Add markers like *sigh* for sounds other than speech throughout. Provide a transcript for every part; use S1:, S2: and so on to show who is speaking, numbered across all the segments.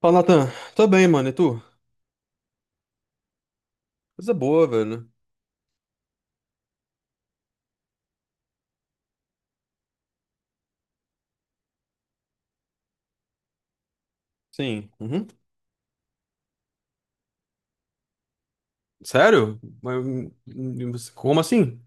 S1: Fala, Natan. Tô bem, mano. E tu? Coisa boa, velho. Sim. Uhum. Sério? Mas, como assim?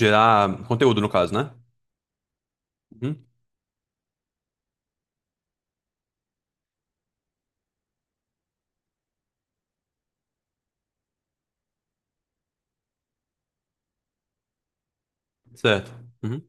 S1: Gerar conteúdo, no caso, né? Uhum. Certo. Uhum.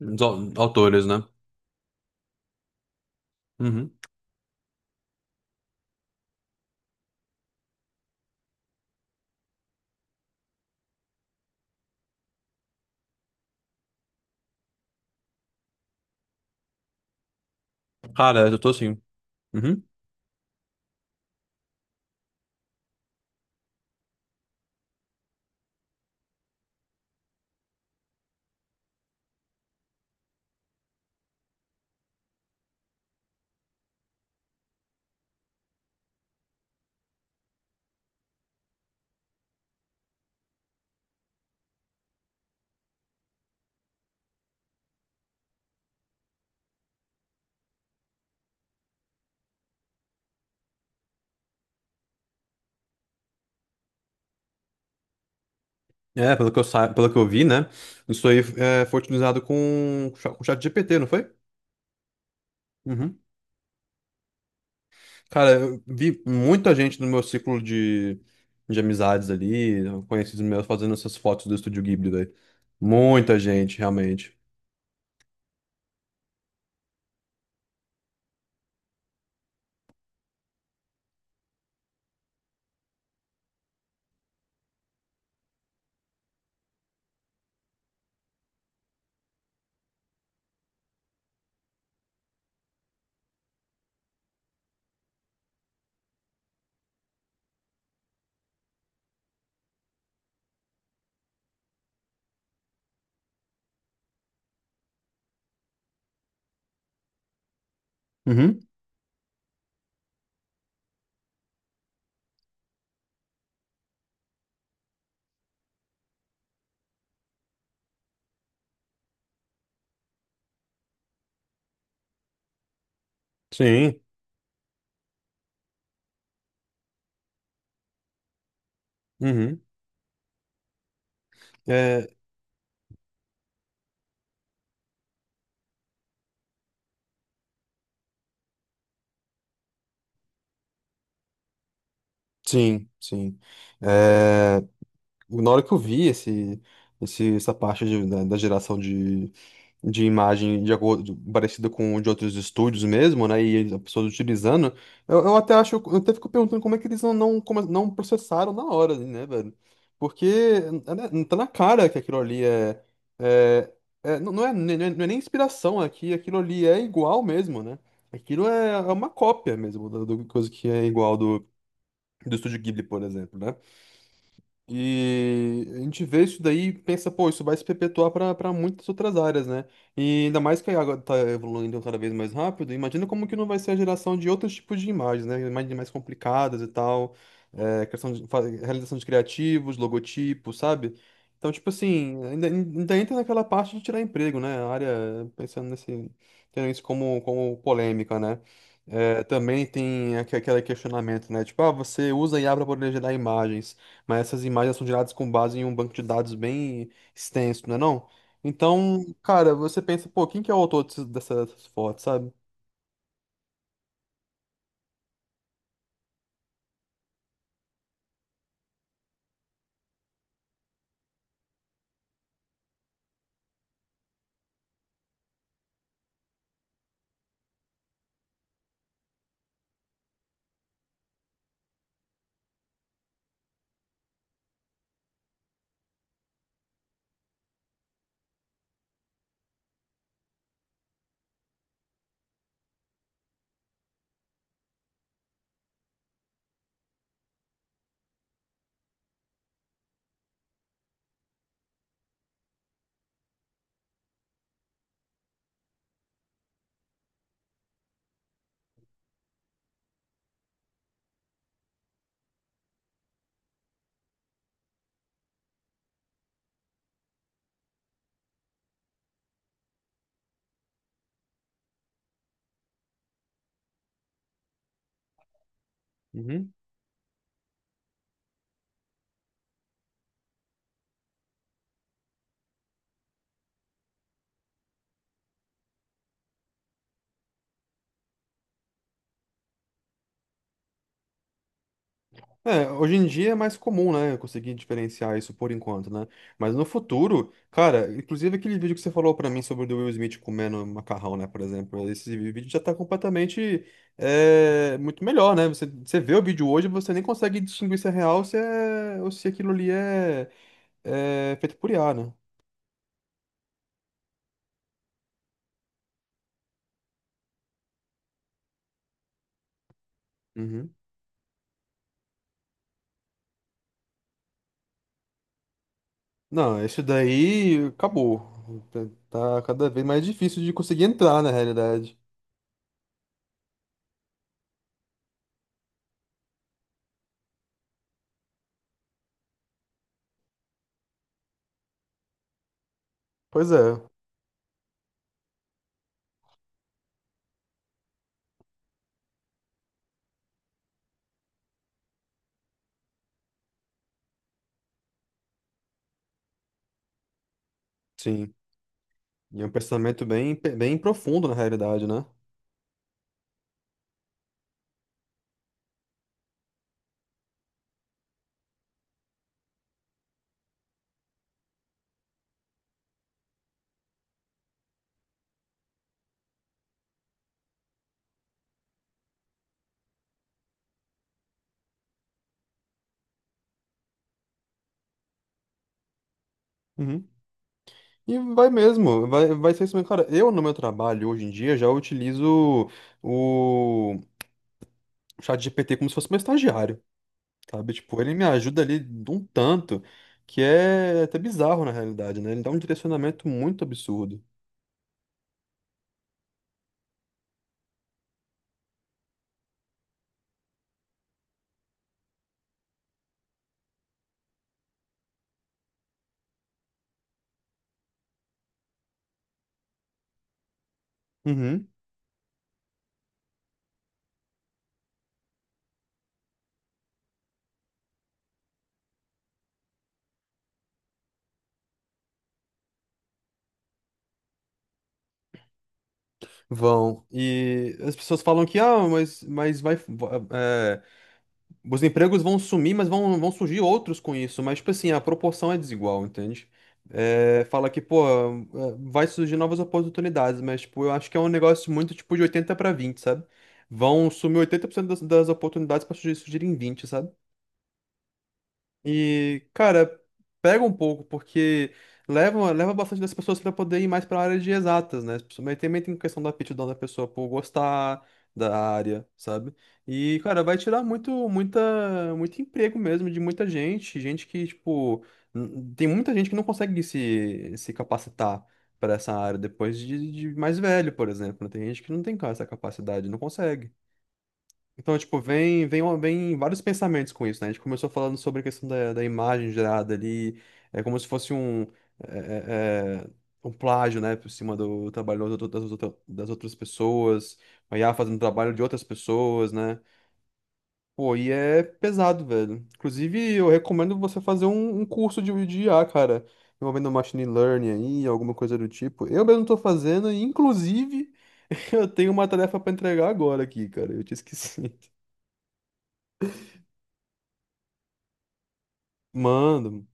S1: Autores, né? Uhum. Cara, eu tô assim. Uhum. Pelo que eu vi, né? Isso aí é, foi utilizado com o chat GPT, não foi? Uhum. Cara, eu vi muita gente no meu ciclo de amizades ali, conhecidos meus fazendo essas fotos do Estúdio Ghibli, velho. Muita gente, realmente. Uhum, sim, uhum. É, sim, sim. É, na hora que eu vi essa parte da, da geração de imagem de acordo, parecido com o de outros estúdios mesmo, né? E as pessoas utilizando. Eu até acho, eu até fico perguntando como é que eles não processaram na hora, né, velho? Porque é, né, tá na cara que aquilo ali é, é, é- não, não é, nem- não é, não é nem inspiração aqui, aquilo ali é igual mesmo, né? Aquilo é uma cópia mesmo, da coisa que é igual do Estúdio Ghibli, por exemplo, né? E a gente vê isso daí e pensa, pô, isso vai se perpetuar para muitas outras áreas, né? E ainda mais que a água tá evoluindo cada vez mais rápido, imagina como que não vai ser a geração de outros tipos de imagens, né? Imagens mais complicadas e tal, é, criação de realização de criativos, logotipos, sabe? Então, tipo assim, ainda entra naquela parte de tirar emprego, né? A área, pensando nesse, tendo isso como, como polêmica, né? É, também tem aquele questionamento, né? Tipo, ah, você usa IA para poder gerar imagens, mas essas imagens são geradas com base em um banco de dados bem extenso, não é não? Então, cara, você pensa, pô, quem que é o autor dessas, dessas fotos, sabe? Uhum. É, hoje em dia é mais comum, né, eu conseguir diferenciar isso por enquanto, né? Mas no futuro, cara, inclusive aquele vídeo que você falou pra mim sobre o do Will Smith comendo macarrão, né, por exemplo, esse vídeo já tá completamente é, muito melhor, né? Você vê o vídeo hoje, você nem consegue distinguir se é real, se é, ou se aquilo ali é, é feito por IA, né? Uhum. Não, isso daí acabou. Tá tá cada vez mais difícil de conseguir entrar na realidade. Pois é, sim. E é um pensamento bem, bem profundo na realidade, né? Uhum. E vai mesmo, vai ser isso mesmo. Cara, eu no meu trabalho hoje em dia já utilizo o chat GPT como se fosse meu estagiário, sabe? Tipo, ele me ajuda ali de um tanto que é até bizarro na realidade, né? Ele dá um direcionamento muito absurdo. Uhum. Vão. E as pessoas falam que, ah, é, os empregos vão sumir, mas vão surgir outros com isso. Mas, tipo assim, a proporção é desigual, entende? É, fala que, pô, é, vai surgir novas oportunidades, mas, tipo, eu acho que é um negócio muito, tipo, de 80 para vinte, sabe? Vão sumir 80% das, das oportunidades para surgirem vinte, sabe? E, cara, pega um pouco, porque leva bastante das pessoas para poder ir mais para a área de exatas, né? Mas também tem questão da aptidão da pessoa por gostar da área, sabe? E, cara, vai tirar muito emprego mesmo de muita gente, gente que, tipo, tem muita gente que não consegue se capacitar para essa área depois de mais velho, por exemplo, né? Tem gente que não tem essa capacidade, não consegue. Então, tipo, vem vários pensamentos com isso, né? A gente começou falando sobre a questão da imagem gerada ali, é como se fosse é, é, é, um plágio, né, por cima do trabalho das outras pessoas, a IA fazendo trabalho de outras pessoas, né? Pô, e é pesado, velho. Inclusive, eu recomendo você fazer um curso de IA, cara, envolvendo machine learning aí, alguma coisa do tipo. Eu mesmo tô fazendo, e inclusive, *laughs* eu tenho uma tarefa pra entregar agora aqui, cara, eu te esqueci. Mando.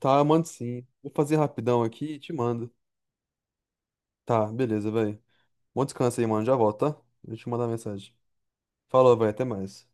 S1: Tá, eu mando sim. Vou fazer rapidão aqui e te mando. Tá, beleza, velho. Bom descanso aí, mano. Já volto, tá? Deixa eu te mandar mensagem. Falou, velho. Até mais.